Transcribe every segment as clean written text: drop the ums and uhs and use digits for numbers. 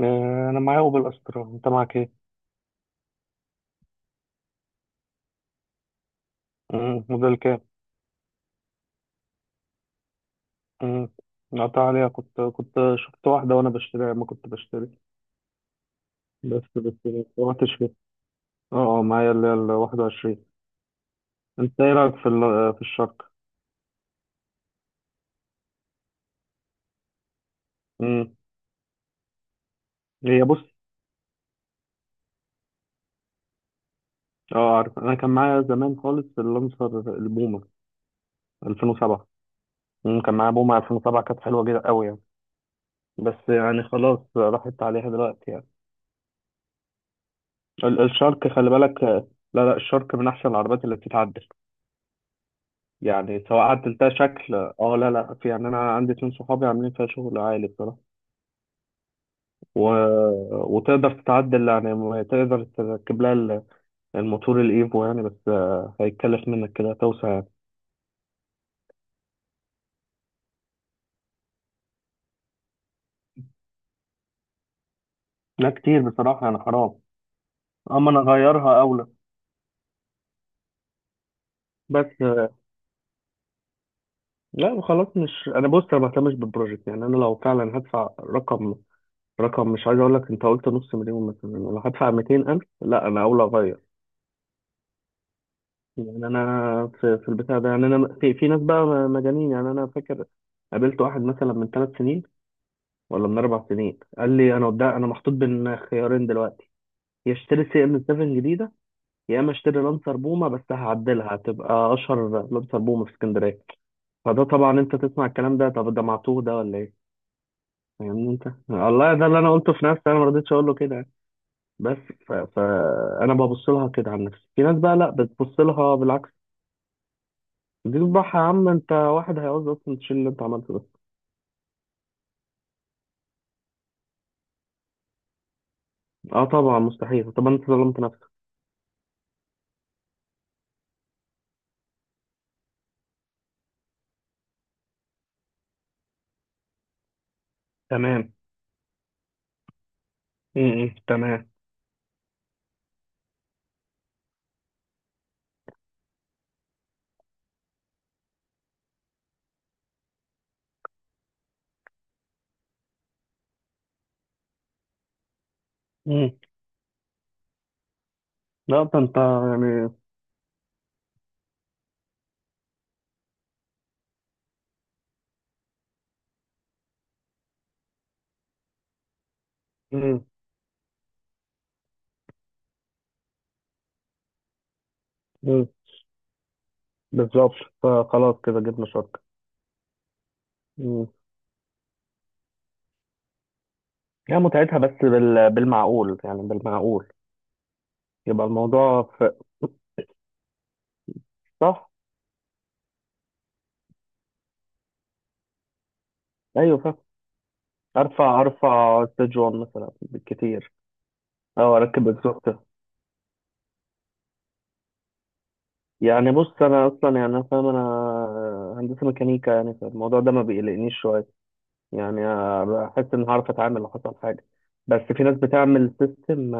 انا معايا اوبل استرا، انت معاك ايه؟ موديل كام؟ مم، قطع عليها، كنت شفت واحده وانا بشتريها ما كنت بشتري. بس ما روحتش فيها. اه، معايا اللي هي ال 21. انت ايه رايك في في الشرق؟ مم، هي، بص. اه، عارف انا كان معايا زمان خالص اللانسر البومه 2007. كان معايا بومه 2007، كانت حلوه جدا قوي يعني. بس يعني خلاص، راحت عليها دلوقتي يعني. الشرق، خلي بالك. لا لا، الشرق من احسن العربيات اللي بتتعدل. يعني سواء عدلتها شكل، اه لا لا، في يعني انا عندي اتنين صحابي عاملين فيها شغل عالي بصراحه. و... وتقدر تتعدل يعني، تقدر تركب لها الموتور الايفو يعني، بس هيتكلف منك كده توسع يعني. لا، كتير بصراحه يعني، حرام. اما انا اغيرها اولى. بس لا خلاص، مش انا، بص انا ما بهتمش بالبروجكت يعني. انا لو فعلا هدفع رقم مش عايز اقول لك، انت قلت نص مليون مثلا، لو هدفع 200,000 لا انا اولى اغير. يعني انا في البتاع ده يعني، انا في ناس بقى مجانين يعني. انا فاكر قابلت واحد مثلا من ثلاث سنين، ولا من اربع سنين، قال لي: انا قدام، انا محطوط بين خيارين دلوقتي. يا اشتري سي ام 7 جديده، يا اما اشتري لانسر بومه بس هعدلها هتبقى اشهر لانسر بومه في اسكندريه. فده طبعا انت تسمع الكلام ده، طب ده معتوه ده ولا ايه؟ فاهمني انت والله، ده اللي انا قلته في نفسي، انا ما رضيتش اقول له كده يعني. بس فانا ببص لها كده عن نفسي، في ناس بقى لا بتبص لها بالعكس. تذبح يا عم انت، واحد هيعوز اصلا تشيل اللي انت عملته ده. اه طبعا مستحيل. طب انت ظلمت نفسك. تمام. تمام. امم لا ده انت يعني. مم. مم. بالظبط. فخلاص كده جبنا شركة. مم. يعني متعتها بس بالمعقول يعني بالمعقول. يبقى الموضوع صح. ايوه فاهم، ارفع ارفع ستيج 1 مثلا بالكتير، او اركب اكزوست. يعني بص انا اصلا يعني انا فاهم، انا هندسة ميكانيكا يعني، فالموضوع ده ما بيقلقنيش شوية. يعني بحس ان هعرف اتعامل لو حصل حاجه. بس في ناس بتعمل سيستم،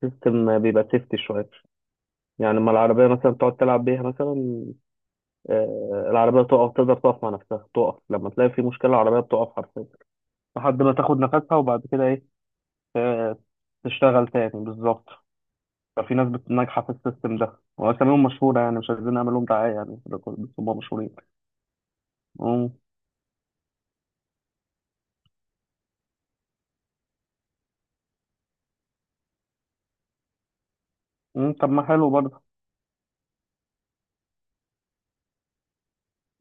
سيستم بيبقى سيفتي شويه. يعني لما العربيه مثلا تقعد تلعب بيها مثلا، العربيه تقف، تقدر تقف مع نفسها، تقف لما تلاقي في مشكله، العربيه بتقف حرفيا لحد ما تاخد نفسها وبعد كده ايه؟ آه، تشتغل تاني بالظبط. ففي ناس ناجحه في السيستم ده، واساميهم مشهوره يعني، مش عايزين نعمل لهم دعايه يعني في الريكورد، بس هم مشهورين. مم. طب ما حلو برضه.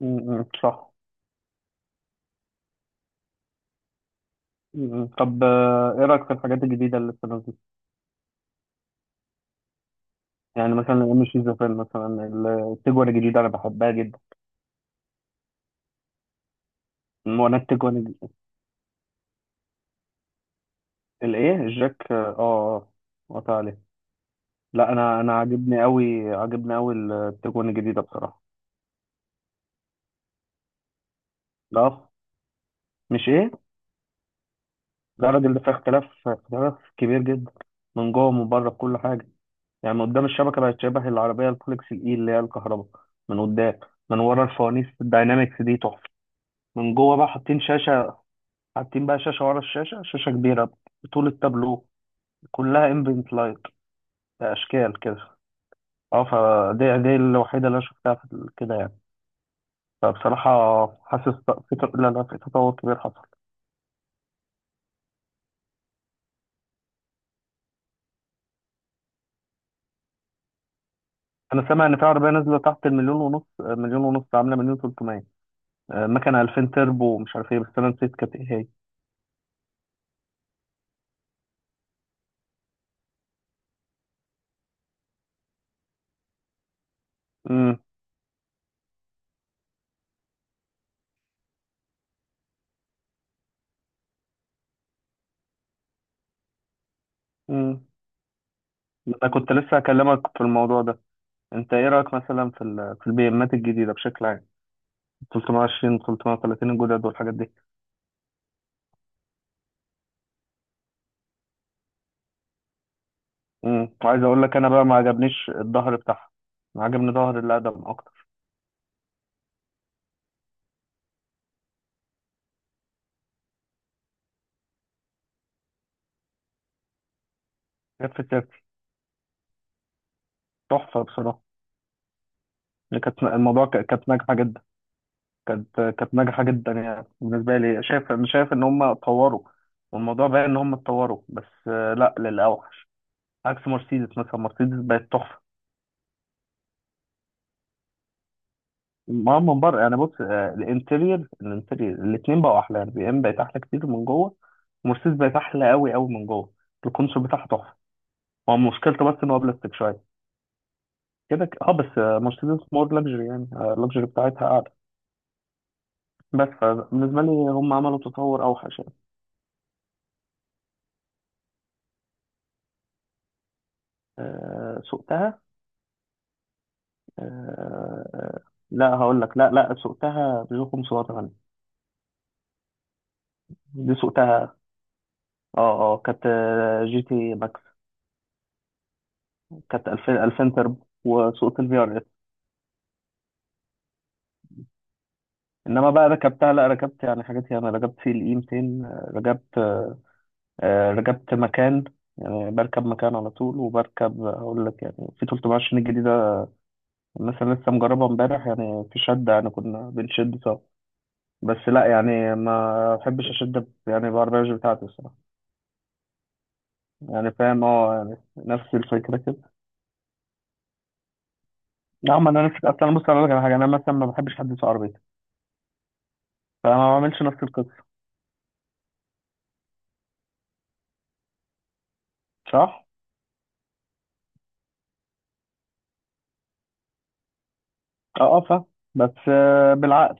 مم، مم، صح. مم. مم. طب، ايه رايك في الحاجات الجديده اللي لسه نازله؟ يعني مثلا الام شيزوفرين مثلا، التجوان الجديده انا بحبها جدا. وانا التجوان. الايه الجاك؟ اه. اه قطع عليه. لا، انا عاجبني قوي، عاجبني قوي التجوان الجديده بصراحه. لا، مش ايه، ده الراجل ده فيه اختلاف، اختلاف كبير جدا من جوه ومن بره في كل حاجه. يعني من قدام، الشبكه بقت شبه العربيه الفولكس الاي اللي هي الكهرباء من قدام. من ورا الفوانيس الداينامكس دي تحفه. من جوه بقى حاطين شاشه، حاطين بقى شاشه ورا الشاشه، شاشه كبيره بطول التابلو كلها امبنت لايت اشكال كده. اه، فدي دي الوحيده اللي انا شفتها في كده يعني. فبصراحه حاسس لا لا، في تطور كبير حصل. انا سامع ان في عربيه نازله تحت المليون ونص، مليون ونص، عامله مليون 300، مكنه 2000 تربو ومش عارف ايه، بس انا نسيت كانت ايه هي. امم امم انا كنت لسه هكلمك في الموضوع ده. انت ايه رايك مثلا في البي امات الجديده بشكل عام، 320، 330 الجدد والحاجات دي. وعايز اقول لك انا بقى ما عجبنيش الظهر بتاعها. ما عجبني ظهر اللي اقدم اكتر. كانت في سيرتي تحفه بصراحه. يعني كانت الموضوع كانت ناجحه جدا. كانت ناجحه جدا يعني. بالنسبه لي شايف، انا شايف ان هم اتطوروا. والموضوع بقى ان هم اتطوروا، بس لا، للاوحش. عكس مرسيدس مثلا، مرسيدس بقت تحفه. ما من بره يعني، بص الانتريور، الانتريور الاثنين بقوا احلى يعني، بي ام بقت احلى كتير من جوه. مرسيدس بقت احلى قوي قوي من جوه. الكونسول بتاعها تحفه. هو مشكلته بس ان هو بلاستيك شويه. كده اه، بس مرسيدس مور لاكجري يعني، اللكجري بتاعتها اعلى. بس فبالنسبه لي هم عملوا تطور اوحش يعني. سوقتها. آه، آه، لا هقول لك، لا لا، سوقتها بيجو 508. دي سوقتها. اه كانت جي تي ماكس. كانت 2000 تربو، وسوقت الفي ار اس. انما بقى ركبتها، لا ركبت يعني حاجات يعني، ركبت سي ال اي 200، ركبت، ركبت مكان. يعني بركب مكان على طول، وبركب هقول لك يعني، في 320 الجديدة مثلا لسه مجربها امبارح يعني، في شدة يعني كنا بنشد سوا. بس لا يعني، ما بحبش اشد يعني بعربية بتاعتي الصراحة. يعني فاهم اه يعني نفس الفكره كده. لا ما انا نفس، اصل انا بص، أنا اقول لك على حاجه، انا مثلا ما بحبش حد يسوق عربيتي. فما بعملش نفس القصه. صح؟ اه، فاهم. بس بالعقل.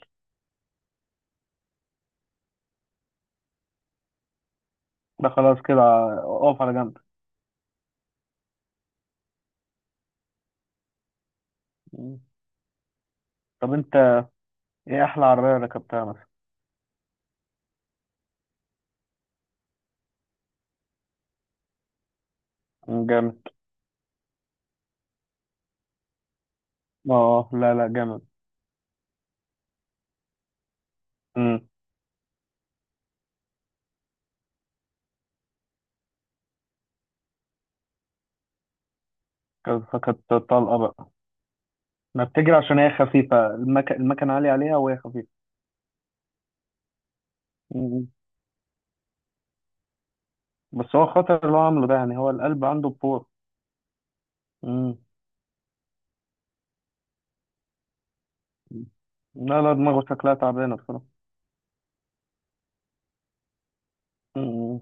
ده خلاص كده. اقف على جنب. مم. طب انت، ايه احلى عربيه ركبتها مثلا؟ مم، جامد. اه، لا لا جامد. امم فكانت طلقه بقى. ما بتجري عشان هي خفيفه، المكنه عاليه عليها وهي خفيفه. مم. بس هو خطر اللي هو عامله ده يعني، هو القلب عنده بور. مم. لا لا، دماغه شكلها تعبانه بصراحه. مم.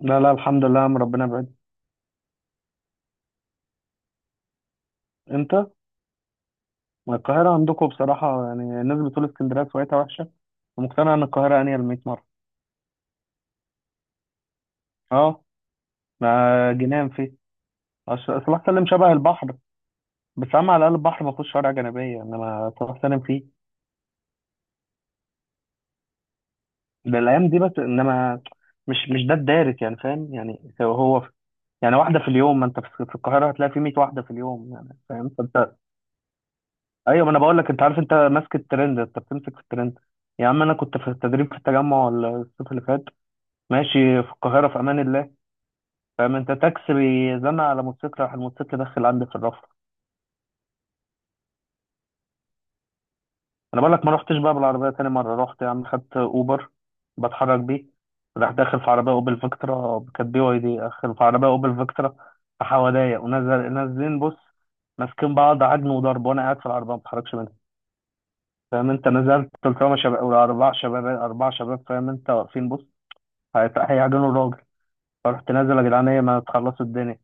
لا لا، الحمد لله يا عم، ربنا بعيد. انت، ما القاهرة عندكم بصراحة يعني، الناس بتقول اسكندرية سويتها وحشة، ومقتنع ان القاهرة انيل 100 مرة. اه، ما جنان فيه. أصل صلاح سالم شبه البحر، بس عم، على الاقل البحر ما فيهوش شوارع جانبية، انما صلاح سالم فيه. ده الايام دي بس، انما مش ده الدارس يعني، فاهم يعني، هو هو. يعني واحدة في اليوم، ما انت في القاهرة هتلاقي في 100 واحدة في اليوم يعني، فاهم فانت. ايوه، ما انا بقول لك، انت عارف، انت ماسك الترند، انت بتمسك في الترند. يا عم، انا كنت في التدريب في التجمع الصيف اللي فات، ماشي في القاهرة في أمان الله، فاهم أنت، تاكسي بيزنق على موتوسيكل، راح الموتوسيكل داخل عندي في الرف. أنا بقول لك، ما رحتش بقى بالعربية تاني مرة، رحت يا عم خدت أوبر، بتحرك بيه. راح داخل في عربية أوبل فيكترا، كانت بي واي دي داخل في عربية أوبل فيكترا، في حواليا ونزل نازلين بص، ماسكين بعض عجن وضرب، وأنا قاعد في العربية ما بتحركش منها. فاهم أنت، نزلت قلت لهم يا شباب، ولا أربع شباب، أربع شباب فاهم أنت، واقفين بص. هيعجنوا الراجل. فرحت نازل، يا جدعان إيه، ما تخلصوا الدنيا.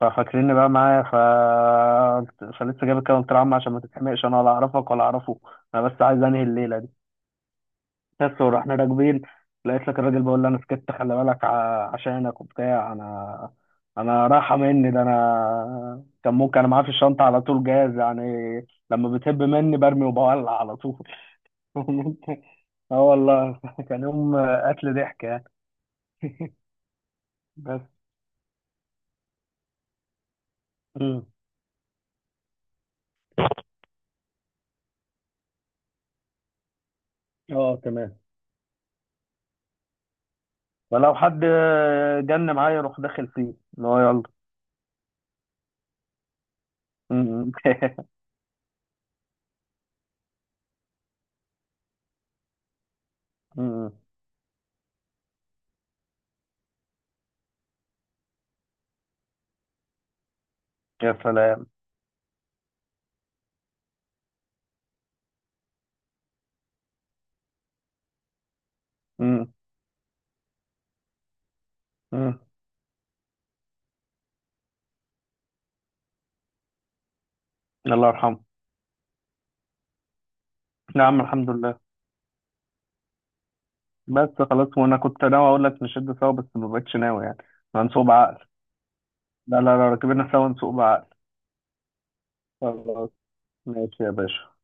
ففاكريني بقى معايا، فلسه جايب الكلام طلع عم، عشان ما تتحمقش، انا ولا اعرفك ولا اعرفه. انا بس عايز انهي الليله دي. بس، ورحنا راكبين. لقيت لك الراجل بقول لي: انا سكت، خلي بالك عشانك وبتاع. انا انا رايحه مني ده، انا كان ممكن، انا معايا في الشنطه على طول جاهز يعني. لما بتهب مني برمي وبولع على طول. اه والله، كان يوم قتل ضحك يعني. بس. مم. اه تمام. فلو حد جن معايا يروح داخل فيه. اللي هو يلا. م- م. يا سلام. م- م. الله يرحمه. نعم، الحمد لله. بس خلاص، وانا كنت ناوي اقول لك نشد سوا، بس ما بقتش ناوي يعني. هنسوق بعقل. لا لا لا، ركبنا سوا نسوق بعقل. خلاص، ماشي يا باشا.